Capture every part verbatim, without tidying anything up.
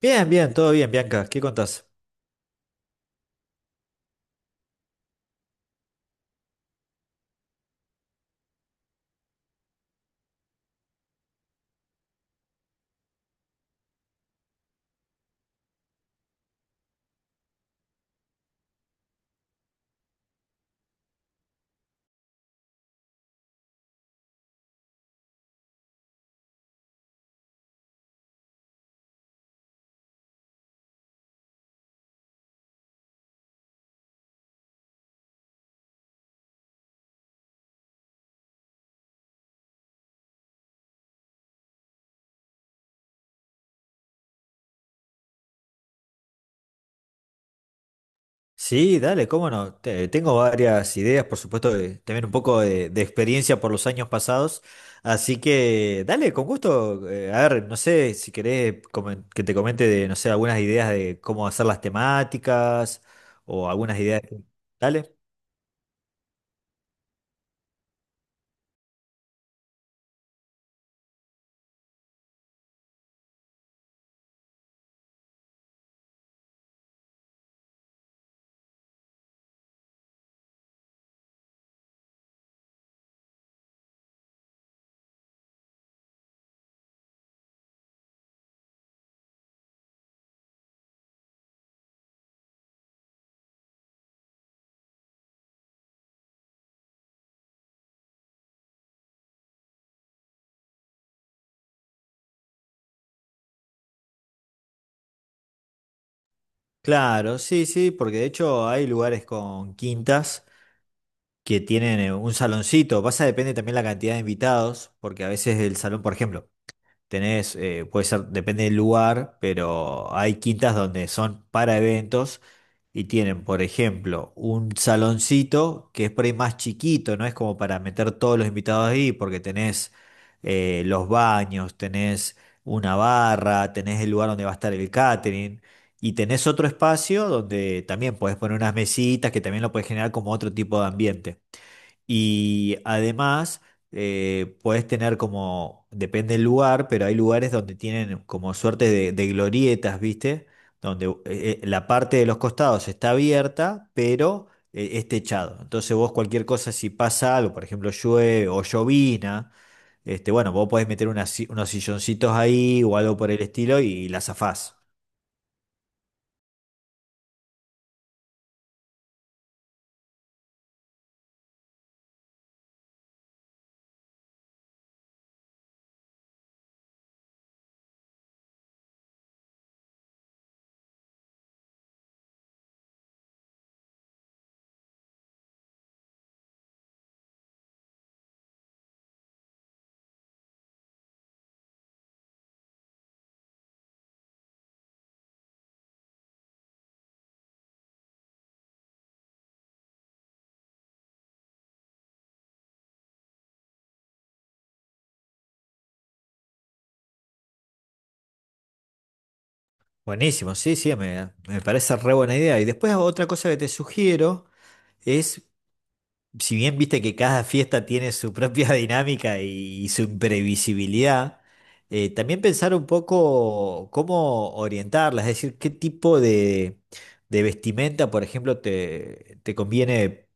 Bien, bien, todo bien, Bianca. ¿Qué contás? Sí, dale, cómo no. Te- tengo varias ideas, por supuesto, de- también un poco de, de experiencia por los años pasados. Así que, dale, con gusto. Eh, a ver, no sé si querés comen- que te comente de, no sé, algunas ideas de cómo hacer las temáticas o algunas ideas. Dale. Claro, sí, sí, porque de hecho hay lugares con quintas que tienen eh, un saloncito. Pasa, depende también la cantidad de invitados, porque a veces el salón, por ejemplo. Tenés, eh, puede ser, depende del lugar, pero hay quintas donde son para eventos y tienen, por ejemplo, un saloncito que es por ahí más chiquito, no es como para meter todos los invitados ahí, porque tenés eh, los baños, tenés una barra, tenés el lugar donde va a estar el catering y tenés otro espacio donde también podés poner unas mesitas que también lo podés generar como otro tipo de ambiente. Y además, eh, podés tener como, depende del lugar, pero hay lugares donde tienen como suerte de, de glorietas, ¿viste? Donde eh, eh, la parte de los costados está abierta, pero eh, es techado. Entonces vos cualquier cosa, si pasa algo, por ejemplo, llueve o llovina, este, bueno, vos podés meter unas si- unos silloncitos ahí o algo por el estilo y la zafás. Buenísimo, sí, sí, me, me parece re buena idea. Y después otra cosa que te sugiero es si bien viste que cada fiesta tiene su propia dinámica y, y su imprevisibilidad, eh, también pensar un poco cómo orientarla, es decir, qué tipo de, de vestimenta, por ejemplo, te, te conviene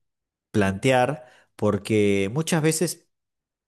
plantear, porque muchas veces,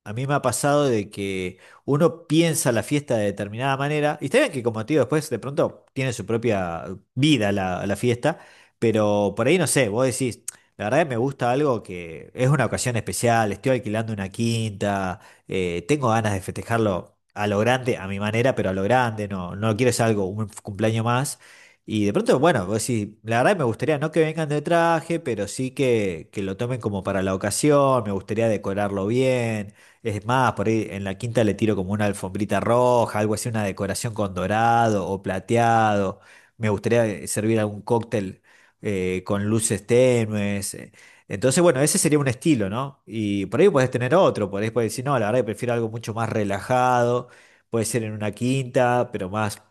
a mí me ha pasado de que uno piensa la fiesta de determinada manera, y está bien que, como te digo, después de pronto tiene su propia vida la, la fiesta, pero por ahí no sé, vos decís, la verdad que me gusta algo que es una ocasión especial, estoy alquilando una quinta, eh, tengo ganas de festejarlo a lo grande, a mi manera, pero a lo grande, no, no quiero ser algo, un cumpleaños más. Y de pronto, bueno, vos decís, la verdad que me gustaría no que vengan de traje, pero sí que, que lo tomen como para la ocasión, me gustaría decorarlo bien, es más, por ahí en la quinta le tiro como una alfombrita roja, algo así, una decoración con dorado o plateado. Me gustaría eh, servir algún cóctel eh, con luces tenues. eh. Entonces, bueno, ese sería un estilo, ¿no? Y por ahí puedes tener otro, por ahí puedes decir, no, la verdad que prefiero algo mucho más relajado, puede ser en una quinta, pero más.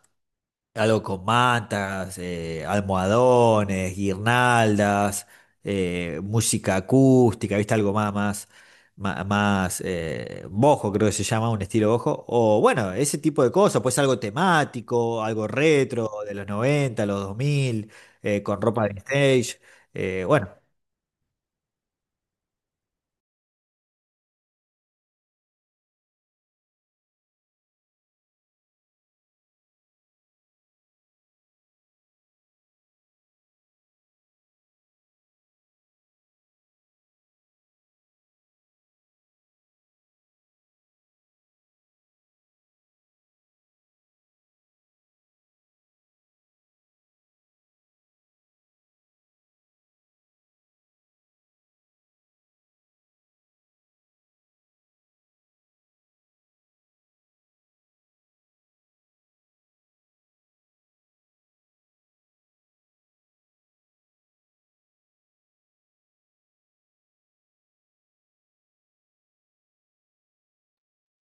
Algo con mantas, eh, almohadones, guirnaldas, eh, música acústica, ¿viste? Algo más, más, ma- más, eh, bojo, creo que se llama, un estilo bojo. O bueno, ese tipo de cosas, pues algo temático, algo retro, de los noventa, los dos mil, eh, con ropa de stage. Eh, bueno,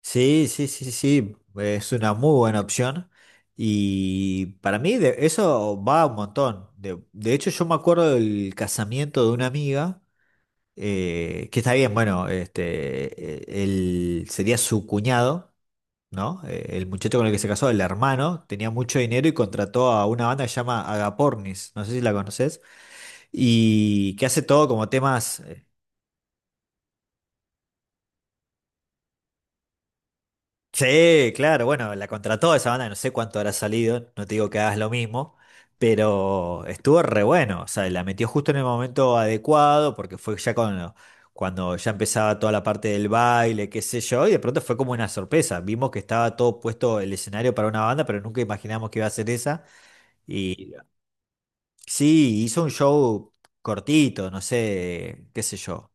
Sí, sí, sí, sí, es una muy buena opción y para mí de- eso va un montón. De, de hecho, yo me acuerdo del casamiento de una amiga, eh, que está bien, bueno, este, eh, él sería su cuñado, ¿no? Eh, El muchacho con el que se casó, el hermano, tenía mucho dinero y contrató a una banda que se llama Agapornis, no sé si la conoces, y que hace todo como temas. eh, Sí, claro, bueno, la contrató esa banda, no sé cuánto habrá salido, no te digo que hagas lo mismo, pero estuvo re bueno, o sea, la metió justo en el momento adecuado, porque fue ya cuando, cuando ya empezaba toda la parte del baile, qué sé yo, y de pronto fue como una sorpresa, vimos que estaba todo puesto el escenario para una banda, pero nunca imaginamos que iba a ser esa, y sí, hizo un show cortito, no sé, qué sé yo,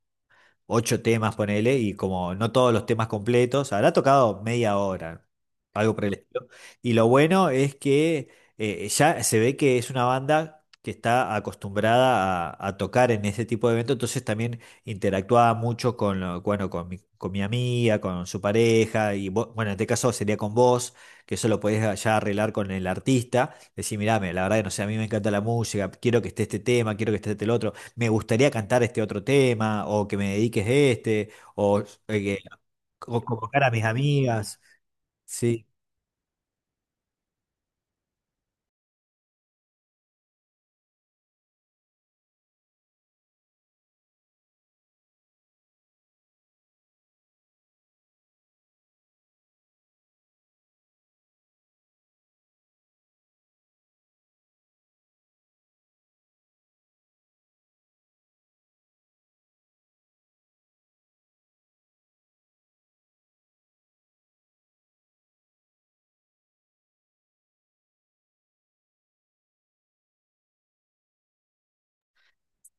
ocho temas, ponele, y como no todos los temas completos, habrá tocado media hora, algo por el estilo. Y lo bueno es que eh, ya se ve que es una banda que está acostumbrada a, a tocar en ese tipo de evento, entonces también interactuaba mucho con, lo- bueno, con mi, con mi amiga, con su pareja, y vo- bueno, en este caso sería con vos, que eso lo podés ya arreglar con el artista, decir, mirá, me- la verdad que no sé, a mí me encanta la música, quiero que esté este tema, quiero que esté este el otro, me gustaría cantar este otro tema, o que me dediques este, o, eh, que- o convocar a mis amigas. Sí.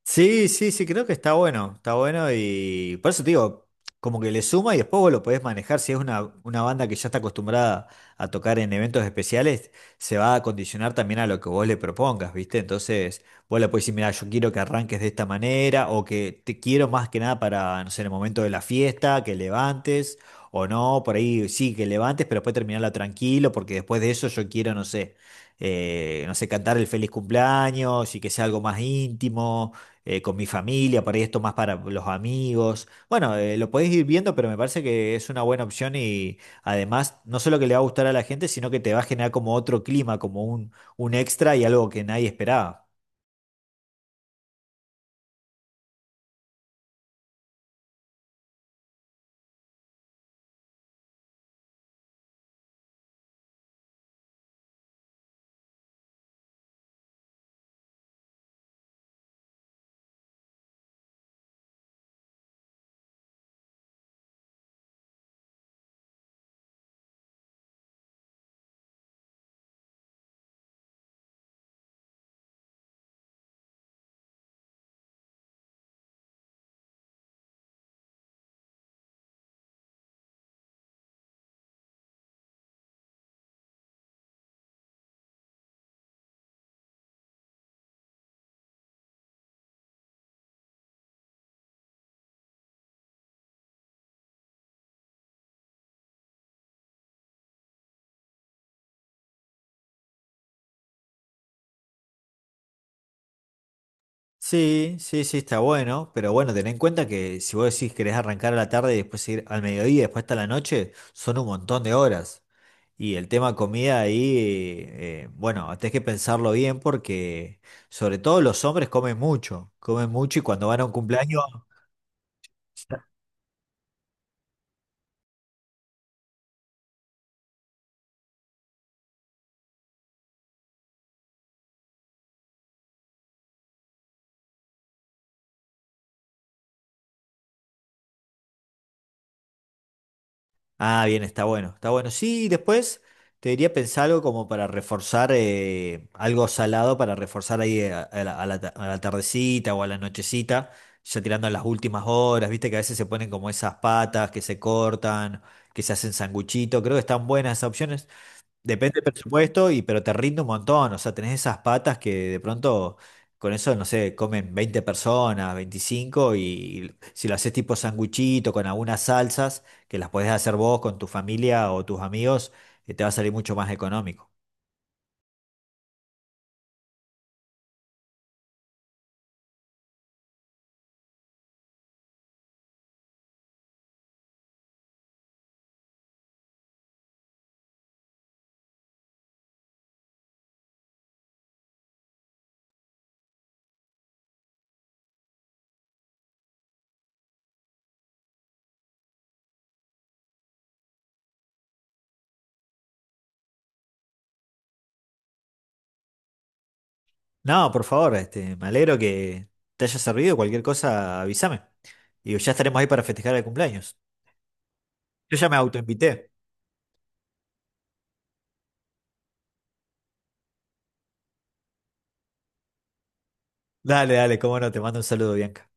Sí, sí, sí, creo que está bueno, está bueno y por eso te digo, como que le suma y después vos lo podés manejar, si es una, una banda que ya está acostumbrada a tocar en eventos especiales, se va a condicionar también a lo que vos le propongas, ¿viste? Entonces vos le podés decir, mira, yo quiero que arranques de esta manera o que te quiero más que nada para, no sé, en el momento de la fiesta, que levantes o no, por ahí sí, que levantes, pero después terminarla tranquilo porque después de eso yo quiero, no sé, eh, no sé, cantar el feliz cumpleaños y que sea algo más íntimo eh, con mi familia, por ahí esto más para los amigos. Bueno, eh, lo podéis ir viendo, pero me parece que es una buena opción y además no solo que le va a gustar a la gente, sino que te va a generar como otro clima, como un, un extra y algo que nadie esperaba. Sí, sí, sí, está bueno, pero bueno, ten en cuenta que si vos decís querés arrancar a la tarde y después ir al mediodía, y después hasta la noche, son un montón de horas. Y el tema comida ahí, eh, eh, bueno, tenés que pensarlo bien porque sobre todo los hombres comen mucho, comen mucho y cuando van a un cumpleaños. Ah, bien, está bueno, está bueno. Sí, y después te diría pensar algo como para reforzar, eh, algo salado para reforzar ahí a, a la, a la ta- a la tardecita o a la nochecita, ya tirando a las últimas horas, viste que a veces se ponen como esas patas que se cortan, que se hacen sanguchito, creo que están buenas esas opciones. Depende del presupuesto, y, pero te rinde un montón. O sea, tenés esas patas que de pronto con eso, no sé, comen veinte personas, veinticinco y si lo haces tipo sanguchito con algunas salsas, que las podés hacer vos con tu familia o tus amigos, eh, te va a salir mucho más económico. No, por favor, este, me alegro que te haya servido. Cualquier cosa, avísame. Y ya estaremos ahí para festejar el cumpleaños. Yo ya me autoinvité. Dale, dale, cómo no, te mando un saludo, Bianca.